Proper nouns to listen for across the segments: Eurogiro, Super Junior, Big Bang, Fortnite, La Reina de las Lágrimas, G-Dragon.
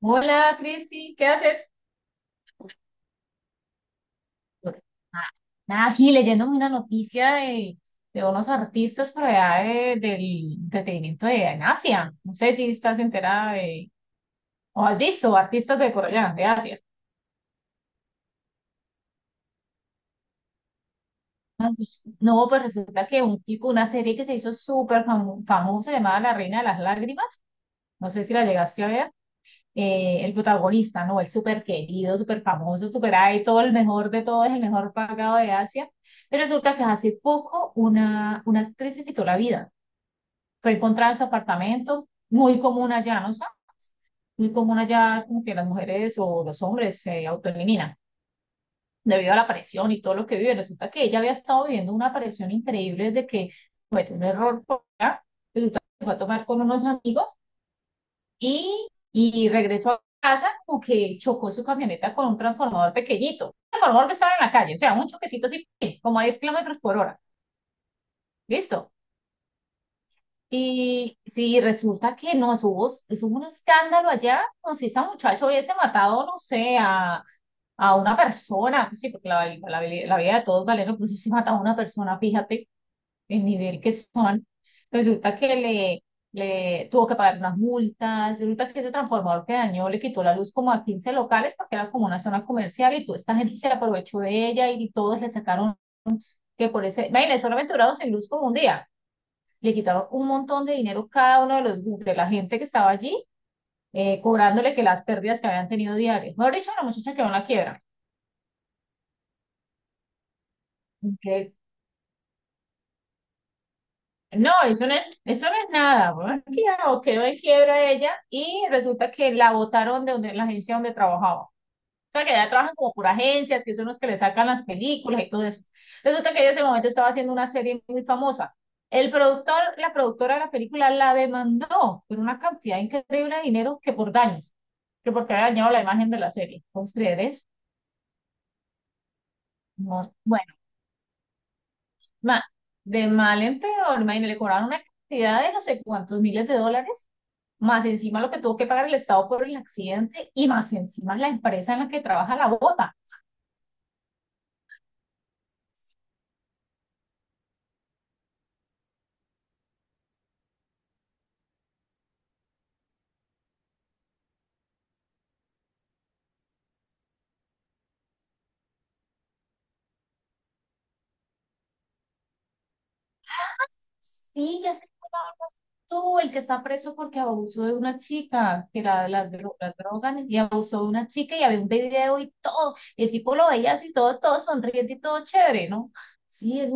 Hola, Cristi, ¿qué haces? Ah, nada, aquí leyéndome una noticia de unos artistas por allá del entretenimiento de, en Asia. No sé si estás enterada de, o has visto artistas de por allá, de Asia. Ah, pues, no, pues resulta que un tipo, una serie que se hizo súper famosa llamada La Reina de las Lágrimas, no sé si la llegaste a ver. El protagonista, ¿no? El súper querido, súper famoso, súper ahí, todo el mejor de todos, el mejor pagado de Asia. Pero resulta que hace poco una actriz se quitó la vida. Fue encontrada en su apartamento, muy común allá, ¿no sabes? Muy común allá, como que las mujeres o los hombres se autoeliminan debido a la presión y todo lo que vive. Resulta que ella había estado viviendo una presión increíble desde que un error por allá, resulta que fue a tomar con unos amigos y regresó a casa como que chocó su camioneta con un transformador pequeñito. El transformador que estaba en la calle, o sea, un choquecito así, como a 10 kilómetros por hora. ¿Listo? Y si resulta que no, eso hubo un escándalo allá, como si ese muchacho hubiese matado, no sé, a una persona, pues sí, porque la vida de todos vale, no, pues si se mataba a una persona, fíjate, el nivel que son, resulta que le tuvo que pagar unas multas, resulta que ese transformador que dañó le quitó la luz como a 15 locales porque era como una zona comercial y toda esta gente se aprovechó de ella y todos le sacaron que por ese, imagínense, solamente duraron sin luz como un día, le quitaron un montón de dinero cada uno de los de la gente que estaba allí, cobrándole que las pérdidas que habían tenido diarias. Mejor dicho, la muchacha quedó en la quiebra. Ok, no, eso no es nada. Bueno, es que ya, no, quedó en quiebra ella y resulta que la botaron de donde, la agencia donde trabajaba. O sea, que ella trabaja como por agencias, que son los que le sacan las películas y todo eso. Resulta que ella en ese momento estaba haciendo una serie muy famosa. El productor, la productora de la película la demandó por una cantidad increíble de dinero que por daños, que porque había dañado la imagen de la serie. ¿Puedes creer eso? No, bueno. ma- de mal en peor, imagínate, le cobraron una cantidad de no sé cuántos miles de dólares, más encima lo que tuvo que pagar el Estado por el accidente y más encima la empresa en la que trabaja la bota. Sí, ya sé cómo hablas tú, el que está preso porque abusó de una chica, que era de las, las drogas, y abusó de una chica y había un video y todo, y el tipo lo veía así, todo, todo sonriente y todo chévere, ¿no? Sí, es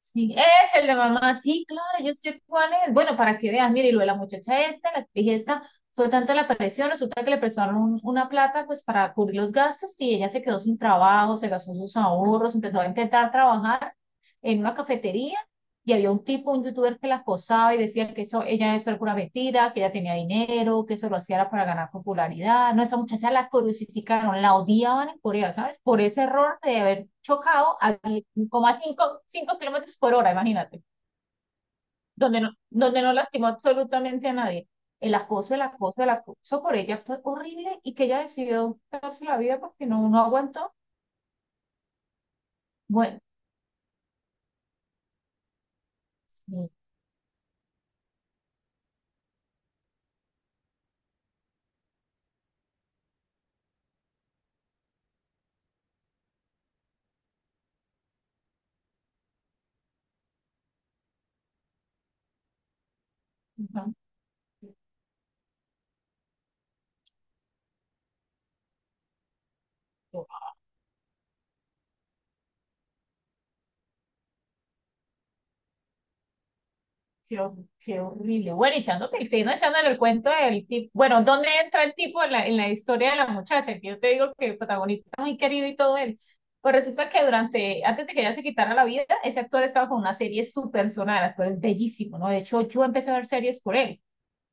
Sí, es el de mamá. Sí, claro, yo sé cuál es. Bueno, para que veas, mire, y lo de la muchacha esta, la dije esta, fue tanto la presión, resulta que le prestaron una plata pues para cubrir los gastos y ella se quedó sin trabajo, se gastó sus ahorros, empezó a intentar trabajar en una cafetería y había un tipo, un youtuber que la acosaba y decía que eso, ella eso era una mentira, que ella tenía dinero, que eso lo hacía para ganar popularidad. No, esa muchacha la crucificaron, la odiaban en Corea, ¿sabes? Por ese error de haber chocado a cinco 5 kilómetros por hora, imagínate, donde no lastimó absolutamente a nadie. El acoso, el acoso, el acoso por ella fue horrible y que ella decidió darse la vida porque no, no aguantó. Bueno, sí, no, qué, qué horrible. Bueno, y echándote, y siguiendo echándole el cuento del tipo. Bueno, ¿dónde entra el tipo en la historia de la muchacha? Que yo te digo que el protagonista es muy querido y todo él. Pues resulta que durante, antes de que ella se quitara la vida, ese actor estaba con una serie súper sonada, actor es bellísimo, ¿no? De hecho, yo empecé a ver series por él.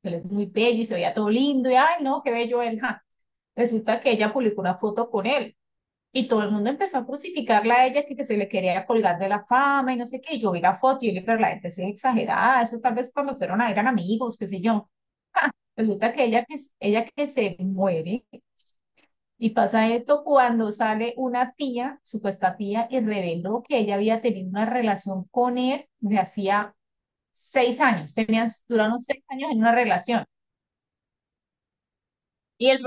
Él es muy bello y se veía todo lindo y, ay, no, qué bello él. Ja. Resulta que ella publicó una foto con él y todo el mundo empezó a crucificarla a ella, que se le quería colgar de la fama y no sé qué. Y yo vi la foto y yo le dije, pero la gente sí es exagerada. Eso tal vez cuando fueron a eran amigos, qué sé yo. Resulta que ella, que ella que se muere y pasa esto cuando sale una tía, supuesta tía, y reveló que ella había tenido una relación con él de hacía 6 años. Tenían, duraron 6 años en una relación. Y el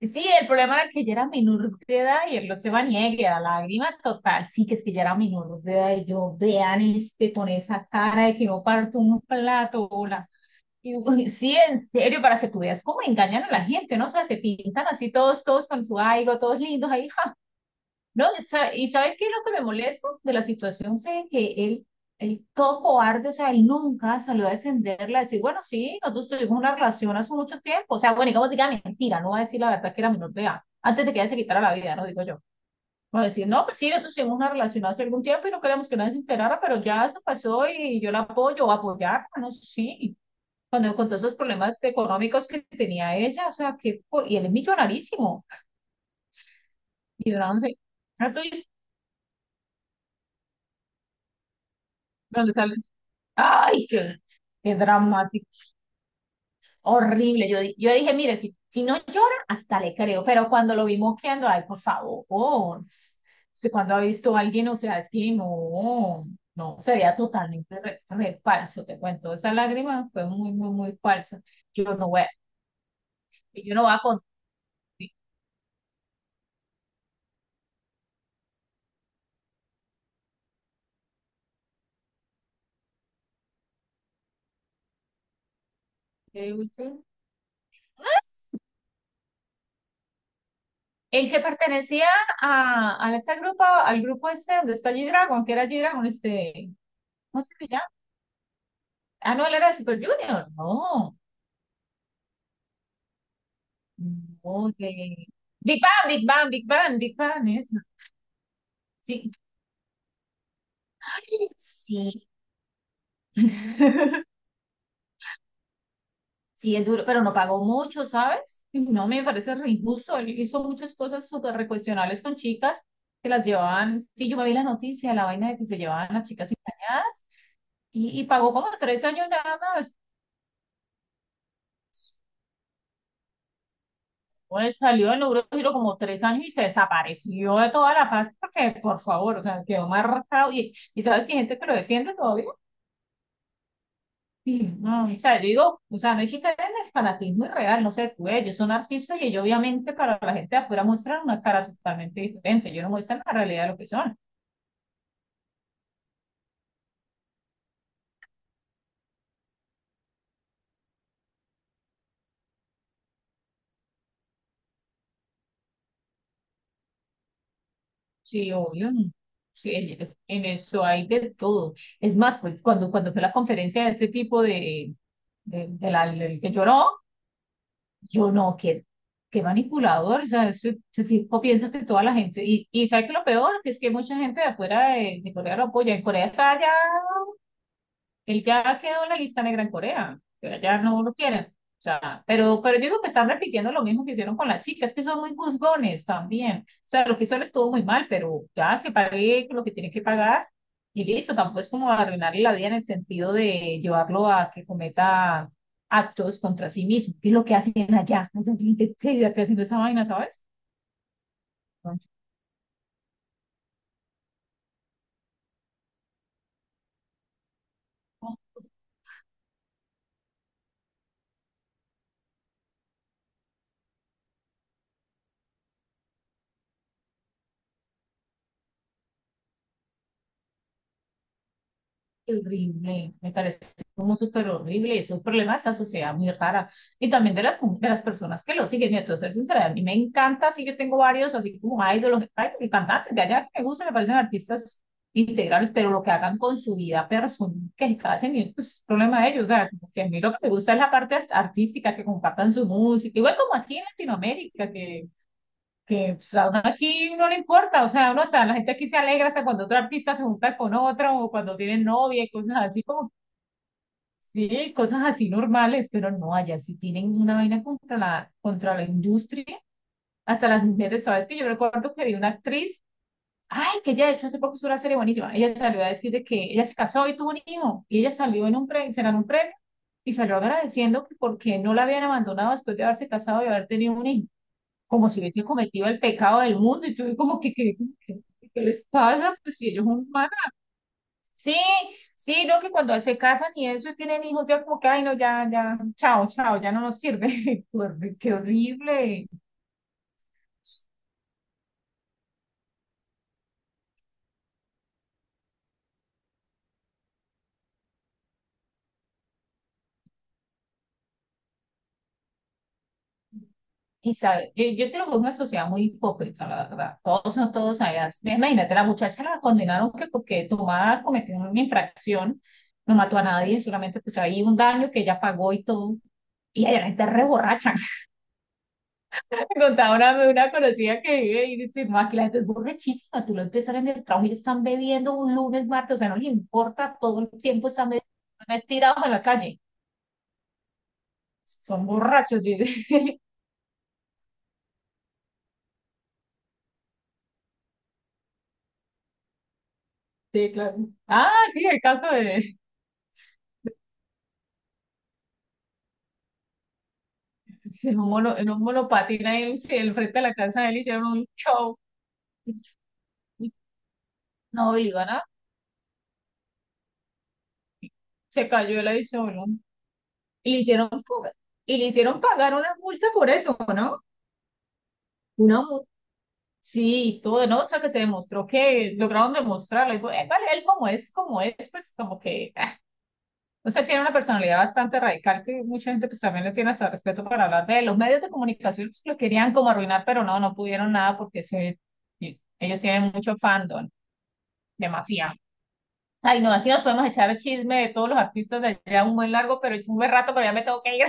sí, el problema era que ella era menor de edad y él no se va niegue a la lágrima total. Sí, que es que ella era menor de edad y yo, vean este, con esa cara de que no parto un plato, hola. Y yo: "Uy, sí, en serio, para que tú veas cómo engañan a la gente, ¿no? O sea, se pintan así todos, todos con su algo, todos lindos ahí, ja, no, o sea, y ¿sabes qué es lo que me molesta de la situación? Fue que él todo cobarde, o sea, él nunca salió a defenderla, a decir, bueno, sí, nosotros tuvimos una relación hace mucho tiempo, o sea, bueno, y como diga mentira, no va a decir la verdad que era menor de edad, antes de que ella se quitara la vida, no digo yo. Va a decir, no, pues sí, nosotros tuvimos una relación hace algún tiempo y no queríamos que nadie se enterara, pero ya eso pasó y yo la apoyo, o apoyar, no sé, sí. Cuando con todos esos problemas económicos que tenía ella, o sea, que, y él es millonarísimo, y yo no sé, entonces, donde sale ay, qué, qué dramático, horrible. Yo, yo dije, mire, si, si no llora, hasta le creo, pero cuando lo vi moqueando, ay, por favor, usted cuando ha visto a alguien, o sea, es que no, no, se veía totalmente re falso, te cuento, esa lágrima fue muy, muy, muy falsa. Yo no voy a, yo no voy a contar. ¿Qué dulce? El que pertenecía a ese grupo, al grupo este donde está G-Dragon, que era G-Dragon, este, ¿cómo se llama? Ah, no, él era de Super Junior, no. No, Big Bang, Big Bang, Big Bang, Big Bang, eso. Sí, sí. Sí, es duro, pero no pagó mucho, ¿sabes? Y no me parece re injusto. Él hizo muchas cosas súper recuestionables con chicas que las llevaban. Sí, yo me vi la noticia, la vaina de que se llevaban las chicas engañadas y pagó como 3 años nada más. Pues salió en Eurogiro como 3 años y se desapareció de toda la paz porque, por favor, o sea, quedó marcado. Y sabes que hay gente que lo defiende todavía. Sí, no, o sea, yo digo, o sea, no hay que caer en el fanatismo irreal, no sé, tú, ellos son artistas y ellos obviamente para la gente de afuera muestran una cara totalmente diferente, ellos no muestran la realidad de lo que son, sí, obvio, no. Sí, en en eso hay de todo, es más, pues cuando, cuando fue la conferencia de ese tipo de la, del que lloró, yo no, qué, qué manipulador, o sea, ese tipo piensa que toda la gente, y ¿sabes qué es lo peor? Que es que mucha gente de afuera de Corea lo apoya, en Corea está allá. Él ya quedó en la lista negra en Corea, que allá no lo quieren. O sea, pero yo digo que están repitiendo lo mismo que hicieron con las chicas, que son muy juzgones también. O sea, lo que hizo él estuvo muy mal, pero ya que pague lo que tiene que pagar y listo, tampoco es como arruinarle la vida en el sentido de llevarlo a que cometa actos contra sí mismo, que es lo que hacen allá. Entonces, yo, ¿en serio, ya haciendo esa vaina, ¿sabes? Horrible, me parece como súper horrible, esos problema de esta sociedad muy rara y también de las personas que lo siguen. Y a ser sincera, a mí me encanta, sí que tengo varios, así como ídolos, y cantantes de allá que me gustan, me parecen artistas integrales, pero lo que hagan con su vida personal, que hacen, es pues, es problema de ellos. O sea, como que a mí lo que me gusta es la parte artística, que compartan su música, igual como aquí en Latinoamérica, que pues, a uno aquí no le importa, o sea, uno, o sea, la gente aquí se alegra, o sea, cuando otro artista se junta con otro, o cuando tienen novia y cosas así, como, sí, cosas así normales, pero no, allá si tienen una vaina contra la industria, hasta las mujeres, ¿sabes? Que yo recuerdo que vi una actriz, ay, que ella de hecho hace poco hizo una serie buenísima, ella salió a decir de que ella se casó y tuvo un hijo, y ella salió en un premio, se ganó un premio, y salió agradeciendo que porque no la habían abandonado después de haberse casado y haber tenido un hijo como si hubiesen cometido el pecado del mundo, y tú como que, ¿qué les pasa? Pues si ellos son humanos. Sí, sí, no, que cuando se casan y eso y tienen hijos, ya como que, ay, no, ya, ya, chao, chao, ya no nos sirve. Qué horrible. Y sabe, yo creo que es una sociedad muy hipócrita, la verdad. Todos son todos allá. Imagínate, la muchacha la condenaron que porque tomada cometió una infracción, no mató a nadie, solamente pues ahí un daño que ella pagó y todo. Y allá la gente es re borracha. Me contaba una conocida que vive y dice, no, aquí la gente es borrachísima, tú lo empezaron en el trabajo y están bebiendo un lunes, martes, o sea, no le importa, todo el tiempo están bebiendo, están estirados en la calle, son borrachos, dice. Sí, claro. Ah, sí, el caso de un mono, en un monopatín ahí en el de la casa de él hicieron un show. No, y le iban a- se cayó el avión. Y le hicieron, y le hicieron pagar una multa por eso, ¿no? Una sí, y todo, ¿no? O sea, que se demostró que lograron demostrarlo. Y, fue, vale, él como es, pues como que, ah. O sea, él tiene una personalidad bastante radical que mucha gente pues también le tiene hasta respeto para hablar de él. Los medios de comunicación pues, lo querían como arruinar, pero no, no pudieron nada porque se, y ellos tienen mucho fandom, demasiado. Ay, no, aquí nos podemos echar el chisme de todos los artistas de allá un buen largo, pero un buen rato, pero ya me tengo que ir.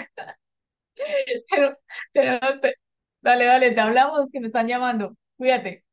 Pero, dale, dale, te hablamos que me están llamando. Cuídate.